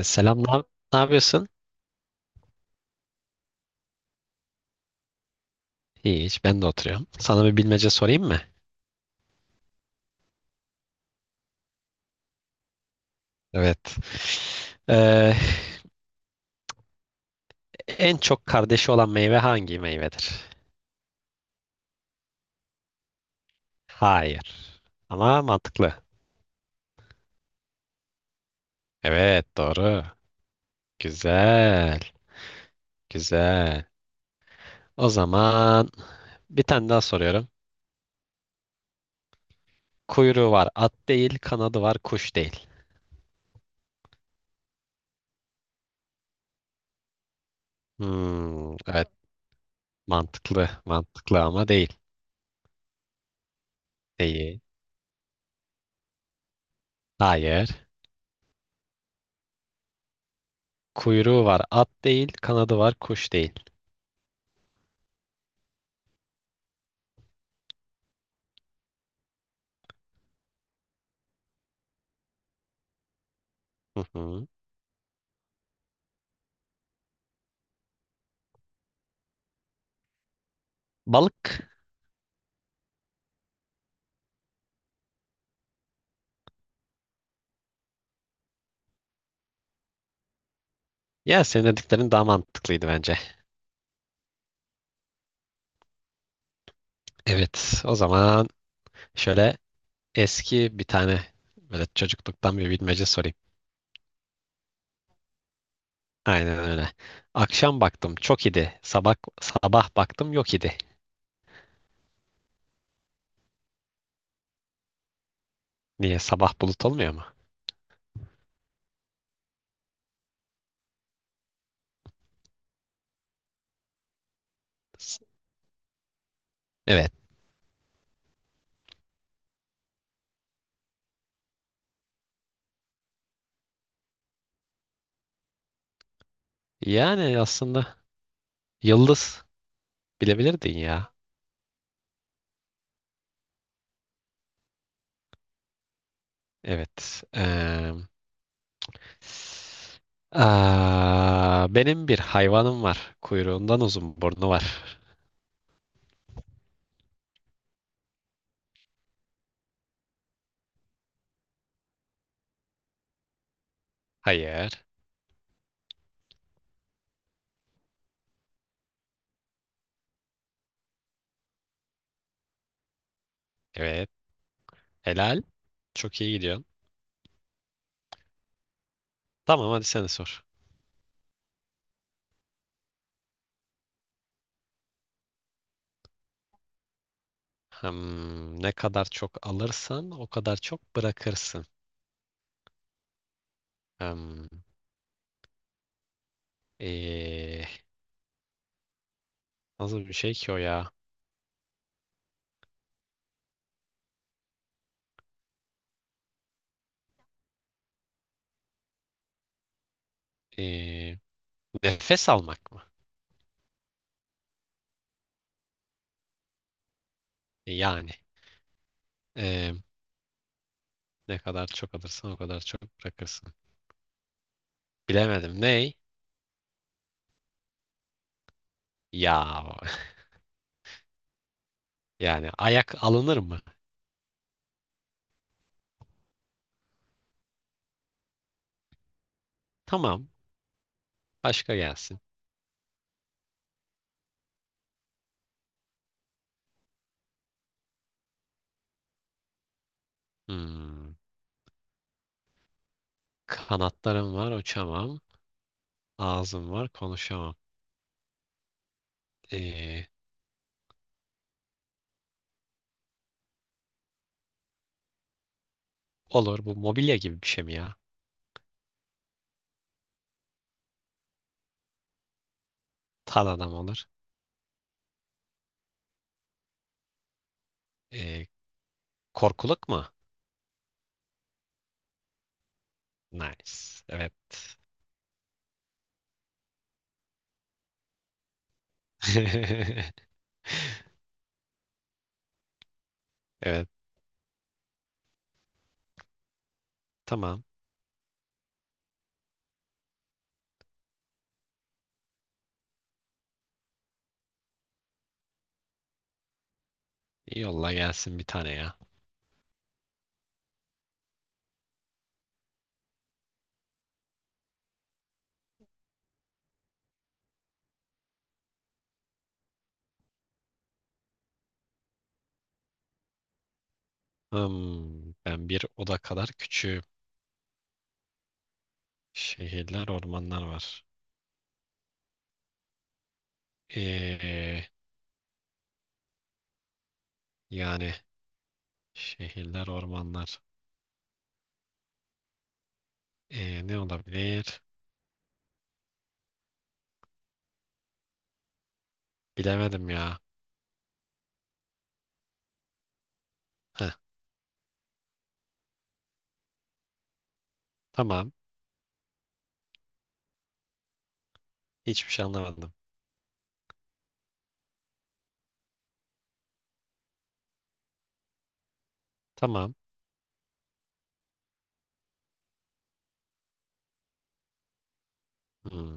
Selam, ne yapıyorsun? İyi, hiç ben de oturuyorum. Sana bir bilmece sorayım mı? Evet. Ee, En çok kardeşi olan meyve hangi meyvedir? Hayır. Ama mantıklı. Evet, doğru. Güzel, güzel. O zaman bir tane daha soruyorum. Kuyruğu var at değil, kanadı var kuş değil. Hmm, evet, mantıklı, mantıklı ama değil. Değil. Hayır. Kuyruğu var at değil, kanadı var kuş değil. Hı hı. Balık. Ya senin dediklerin daha mantıklıydı bence. Evet, o zaman şöyle eski bir tane böyle çocukluktan bir bilmece sorayım. Aynen öyle. Akşam baktım çok idi. Sabah baktım yok idi. Niye sabah bulut olmuyor mu? S- Evet. Yani aslında yıldız bilebilirdin ya. Evet. Benim bir hayvanım var. Kuyruğundan uzun burnu var. Hayır. Evet. Helal. Çok iyi gidiyorsun. Tamam, hadi sen de sor. Hmm, ne kadar çok alırsan o kadar çok bırakırsın. Hmm, ee, Nasıl bir şey ki o ya? Ee, Nefes almak mı? Yani ee, ne kadar çok alırsan o kadar çok bırakırsın. Bilemedim. Ney? Ya yani ayak alınır mı? Tamam. Başka gelsin. Hmm, kanatlarım var uçamam. Ağzım var konuşamam. Ee, olur, bu mobilya gibi bir şey mi ya? Tan adam olur. Ee, Korkuluk mu? Nice. Evet. Evet. Tamam. Yolla gelsin bir tane ya. Hmm, ben bir oda kadar küçüğüm. Şehirler, ormanlar var. Ee, Yani şehirler, ormanlar. Ne olabilir? Bilemedim ya. Heh, tamam. Hiçbir şey anlamadım. Tamam. Hmm.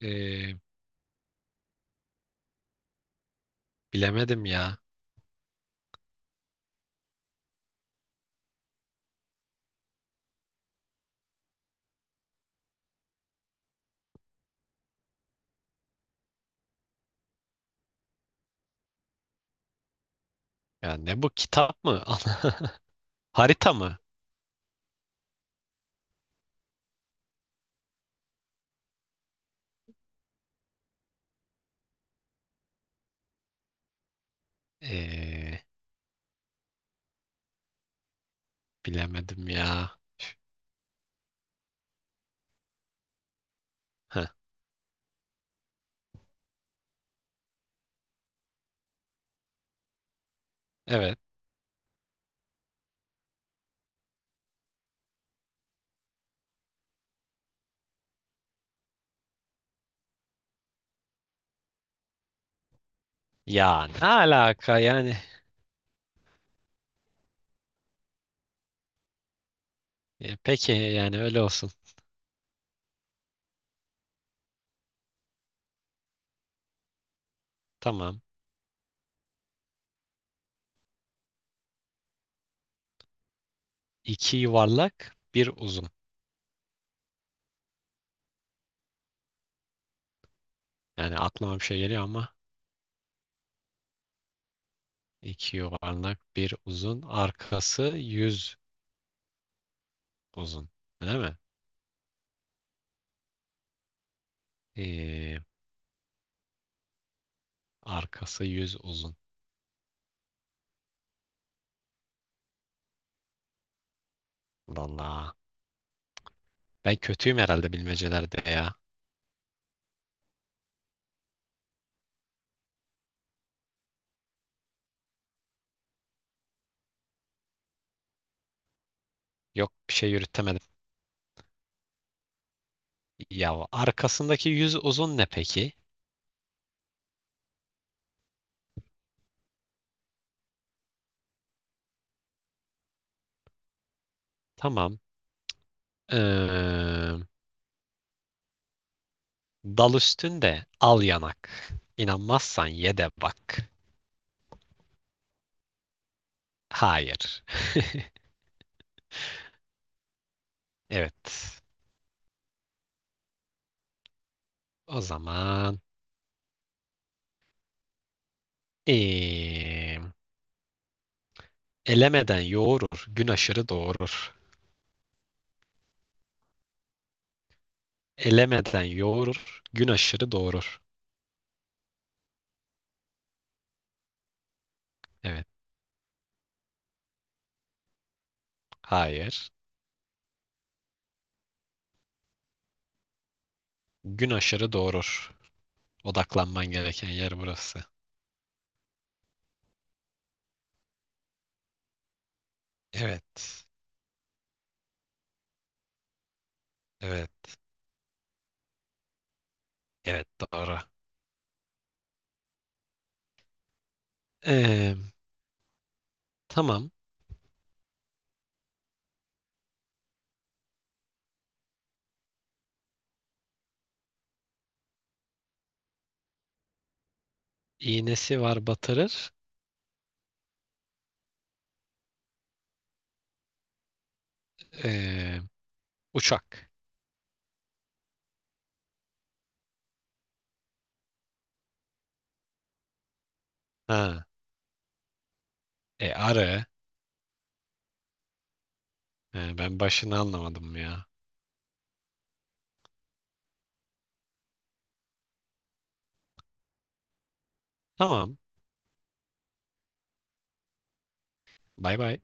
Ee, Bilemedim ya. Ya ne bu, kitap mı? Harita mı? Ee, Bilemedim ya. Heh, evet. Ya ne alaka yani? E, peki yani öyle olsun. Tamam. İki yuvarlak, bir uzun. Yani aklıma bir şey geliyor ama iki yuvarlak, bir uzun. Arkası yüz uzun. Değil mi? Ee, Arkası yüz uzun. Vallahi. Ben kötüyüm herhalde bilmecelerde ya. Yok, bir şey yürütemedim. Ya arkasındaki yüz uzun ne peki? Tamam. Ee, Dal üstünde al yanak. İnanmazsan ye de bak. Hayır. Evet. O zaman eee, elemeden yoğurur, gün aşırı doğurur. Elemeden yoğurur, gün aşırı doğurur. Evet. Hayır. Gün aşırı doğurur. Odaklanman gereken yer burası. Evet. Evet. Evet, doğru. Eee, tamam. İğnesi var batırır. Eee, Uçak. Ha. E, arı. Ben başını anlamadım ya. Tamam. Bay bay.